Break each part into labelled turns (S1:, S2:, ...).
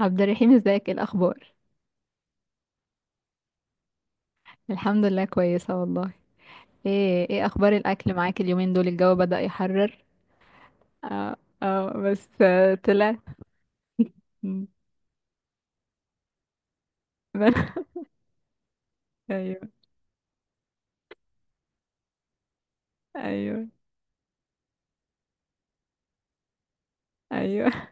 S1: عبد الرحيم، ازيك؟ ايه الاخبار؟ الحمد لله، كويسه والله. ايه اخبار الاكل معاك؟ اليومين دول الجو بدأ يحرر. اه، اه، بس طلع. مم. ايوه، ايوه، ايوه.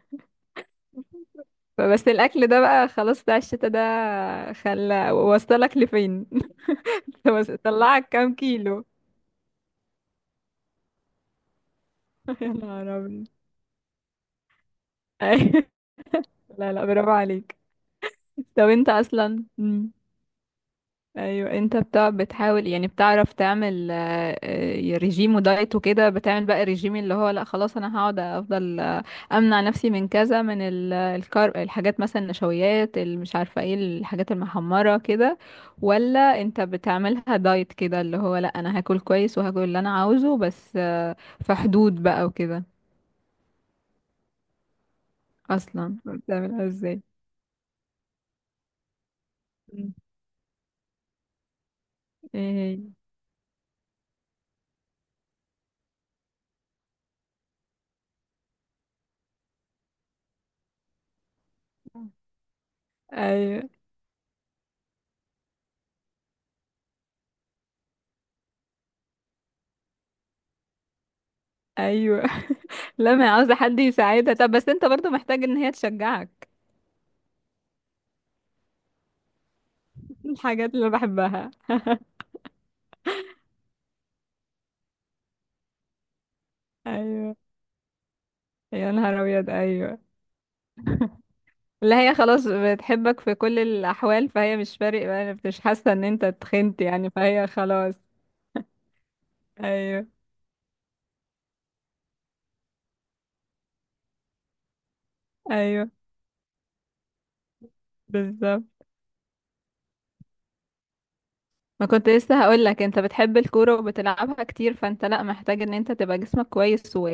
S1: بس الاكل ده بقى خلاص بتاع الشتاء ده، خلى وصلك لفين؟ بس طلعك كام كيلو؟ يا نهار ابيض! أيوة. لا، لا، برافو عليك. طب انت اصلا، مم. ايوه، انت بتحاول يعني بتعرف تعمل ريجيم ودايت وكده، بتعمل بقى الريجيم اللي هو لا خلاص انا هقعد افضل امنع نفسي من كذا من الكارب الحاجات مثلا النشويات اللي مش عارفه ايه، الحاجات المحمره كده. ولا انت بتعملها دايت كده اللي هو لا، انا هاكل كويس وهاكل اللي انا عاوزه بس في حدود بقى وكده. اصلا بتعملها ازاي؟ مم. ايه هي؟ ايوه، ايوه. لا، ما هي عاوزه حد يساعدها، طب بس انت برضو محتاج ان هي تشجعك. الحاجات اللي بحبها. ايوه، يا نهار ابيض! ايوه. لا، هي خلاص بتحبك في كل الاحوال، فهي مش فارق بقى، مش حاسه ان انت اتخنت يعني، فهي خلاص. ايوه، ايوه، بالظبط. ما كنت لسه هقول لك، انت بتحب الكوره وبتلعبها كتير، فانت لا محتاج ان انت تبقى جسمك كويس و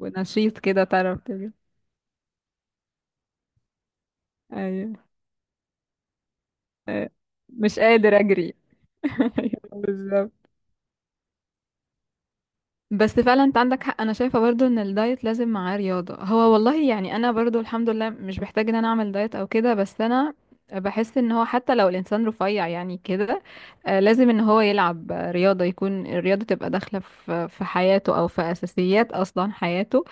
S1: ونشيط كده، تعرف تجري. ايوه، أيوة. مش قادر اجري. بالظبط. بس فعلا انت عندك حق، انا شايفة برضو ان الدايت لازم معاه رياضة. هو والله يعني انا برضو الحمد لله مش بحتاج ان انا اعمل دايت او كده، بس انا بحس ان هو حتى لو الانسان رفيع يعني كده لازم ان هو يلعب رياضة، يكون الرياضة تبقى داخلة في حياته او في اساسيات اصلا حياته.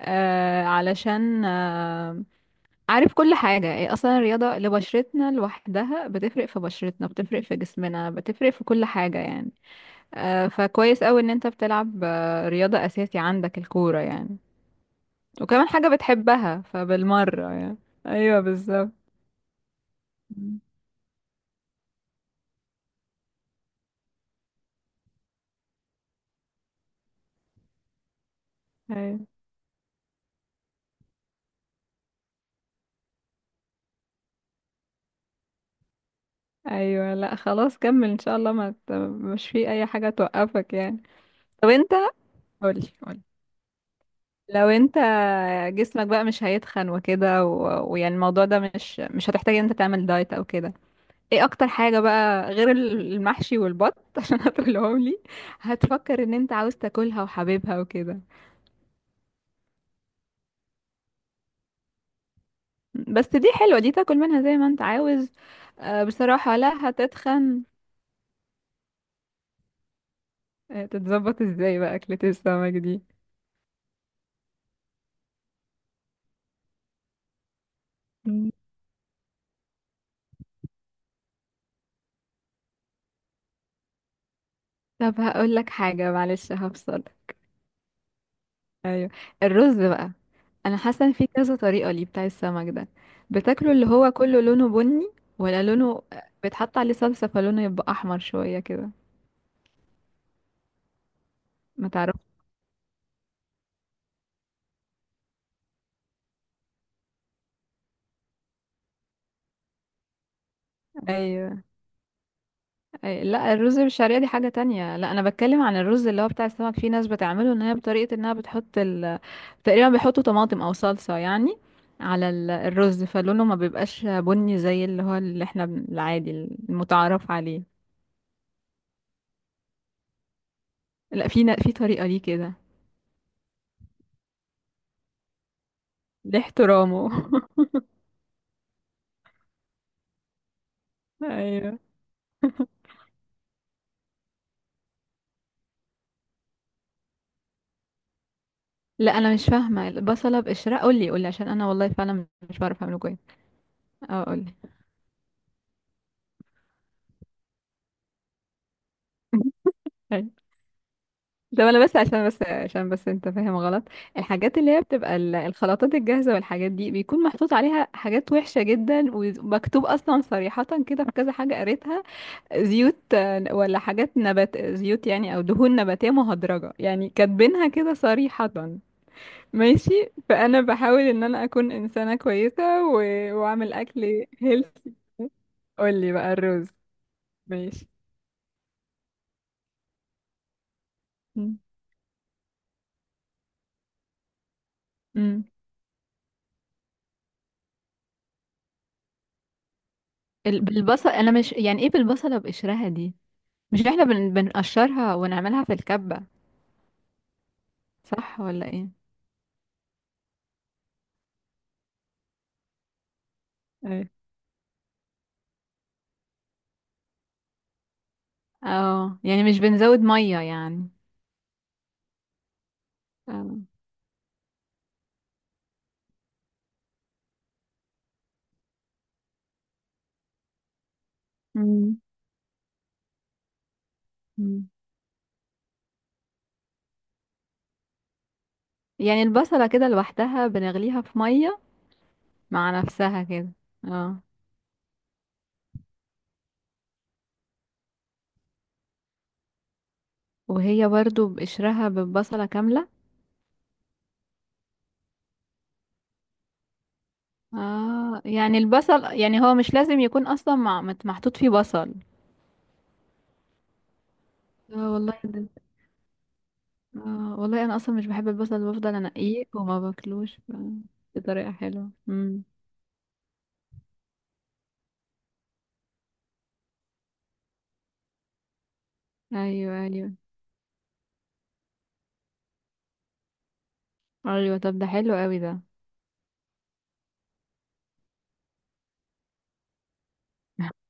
S1: علشان عارف كل حاجة. إيه أصلا الرياضة لبشرتنا لوحدها، بتفرق في بشرتنا، بتفرق في جسمنا، بتفرق في كل حاجة يعني. فكويس قوي ان انت بتلعب رياضة اساسي عندك الكورة يعني. وكمان حاجة بتحبها فبالمرة يعني. ايوه، بالظبط. مم. ايوه، ايوه. لا، خلاص كمل ان شاء الله، ما ت- مش في اي حاجة توقفك يعني. طب انت، قولي قولي، لو انت جسمك بقى مش هيتخن وكده و- ويعني الموضوع ده مش هتحتاج ان انت تعمل دايت او كده. ايه اكتر حاجة بقى غير المحشي والبط، عشان هتقولهم لي هتفكر ان انت عاوز تاكلها وحاببها وكده؟ بس دي حلوة، دي تاكل منها زي ما انت عاوز، بصراحة لا هتتخن. تتظبط ازاي بقى أكلة السمك دي؟ مم. طب هقول لك حاجة، معلش هفصل. ايوه، الرز بقى. انا حاسة ان في كذا طريقة ليه بتاع السمك ده بتاكله، اللي هو كله لونه بني، ولا لونه بيتحط عليه صلصة فلونه يبقى احمر شوية كده؟ ما تعرف؟ ايوه، لا، الرز بالشعرية دي حاجة تانية. لا انا بتكلم عن الرز اللي هو بتاع السمك، في ناس بتعمله ان هي بطريقة انها بتحط تقريبا بيحطوا طماطم او صلصة يعني على الرز، فلونه ما بيبقاش بني زي اللي هو اللي احنا العادي المتعارف عليه. لا، في طريقة ليه كده. ليه احترامه؟ ايوه، لا انا مش فاهمة البصلة بقشرها، قولي قولي عشان انا والله فعلا مش بعرف اعمله كويس. اه، قولي. ده انا بس عشان انت فاهم غلط. الحاجات اللي هي بتبقى الخلطات الجاهزة والحاجات دي، بيكون محطوط عليها حاجات وحشة جدا، ومكتوب اصلا صريحة كده في كذا حاجة قريتها. زيوت ولا حاجات نبات زيوت يعني، او دهون نباتية مهدرجة يعني، كاتبينها كده صريحة. ماشي، فانا بحاول ان انا اكون انسانة كويسة و... واعمل اكل هيلثي. قولي بقى الرز. ماشي. مم. امم. البصل، انا مش يعني ايه بالبصله بقشرها دي؟ مش احنا بنقشرها ونعملها في الكبة. صح ولا ايه؟ ايه، اه، يعني مش بنزود مية يعني؟ اه. مم. مم. يعني البصلة كده لوحدها بنغليها في مية، مع نفسها كده؟ اه. وهي برضو بقشرها، بالبصلة كاملة؟ اه، يعني البصل يعني هو مش لازم يكون اصلا محطوط فيه بصل. اه والله ده- اه والله انا اصلا مش بحب البصل، بفضل انقيه وما باكلوش بطريقة حلوة. امم. ايوه، ايوه، ايوه. طب ده حلو قوي ده.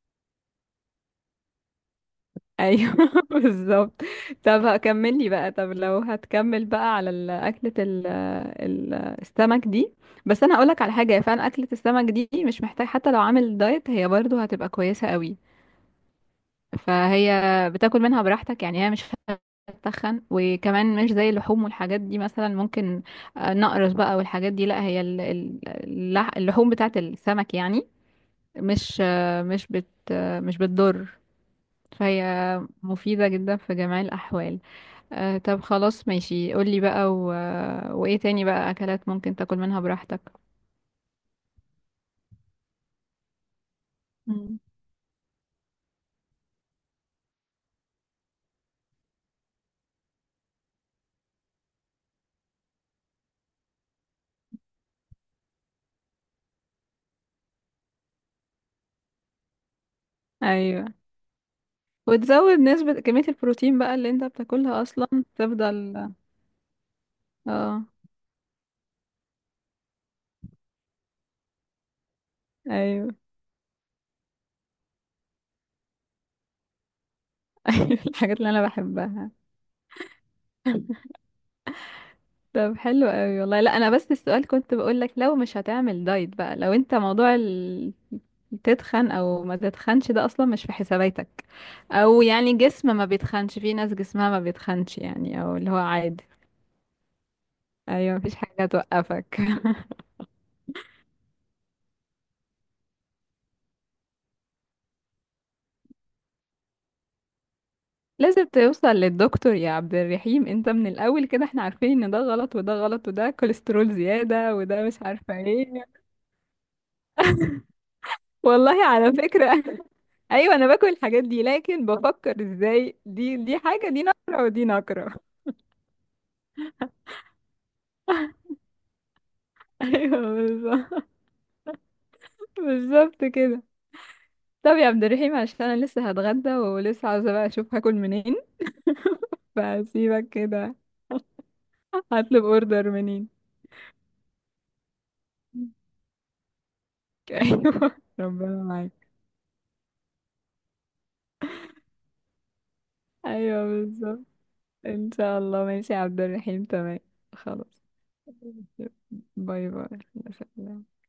S1: ايوه. بالظبط. طب هكملي بقى، طب لو هتكمل بقى على اكلة السمك دي. بس انا هقولك على حاجة، هي فعلا اكلة السمك دي مش محتاج، حتى لو عامل دايت هي برضو هتبقى كويسة قوي. فهي بتاكل منها براحتك يعني، هي مش هتتخن، وكمان مش زي اللحوم والحاجات دي مثلا. ممكن نقرص بقى والحاجات دي، لا هي اللحوم بتاعت السمك يعني مش آه، مش بت آه، مش بتضر. فهي مفيدة جدا في جميع الأحوال. طب خلاص، ماشي، قولي بقى وإيه تاني بقى أكلات ممكن تاكل منها براحتك؟ مم. أيوة. وتزود نسبة كمية البروتين بقى اللي انت بتاكلها أصلا. تفضل. اه. أيوة. أيوة، الحاجات اللي أنا بحبها. طب حلو قوي والله. لا انا بس السؤال كنت بقولك، لو مش هتعمل دايت بقى، لو انت موضوع تتخن او ما تتخنش، ده اصلا مش في حساباتك، او يعني جسم ما بيتخنش، في ناس جسمها ما بيتخنش يعني، او اللي هو عادي. ايوه، مفيش حاجه توقفك. لازم توصل للدكتور يا عبد الرحيم، انت من الاول كده احنا عارفين ان ده غلط وده غلط وده كوليسترول زياده وده مش عارفه ايه. والله على فكرة. ايوه، انا باكل الحاجات دي، لكن بفكر ازاي دي حاجة، دي نقرة ودي نقرة. ايوه، بالظبط، بالظبط كده. طب يا عبد الرحيم، عشان انا لسه هتغدى، ولسه عاوزة بقى اشوف هاكل منين، فسيبك كده، هطلب اوردر منين. ايوه، ربنا معاك. ايوه، بالظبط. ان شاء الله، ماشي يا عبد الرحيم، تمام، خلاص. باي باي. مع السلامة.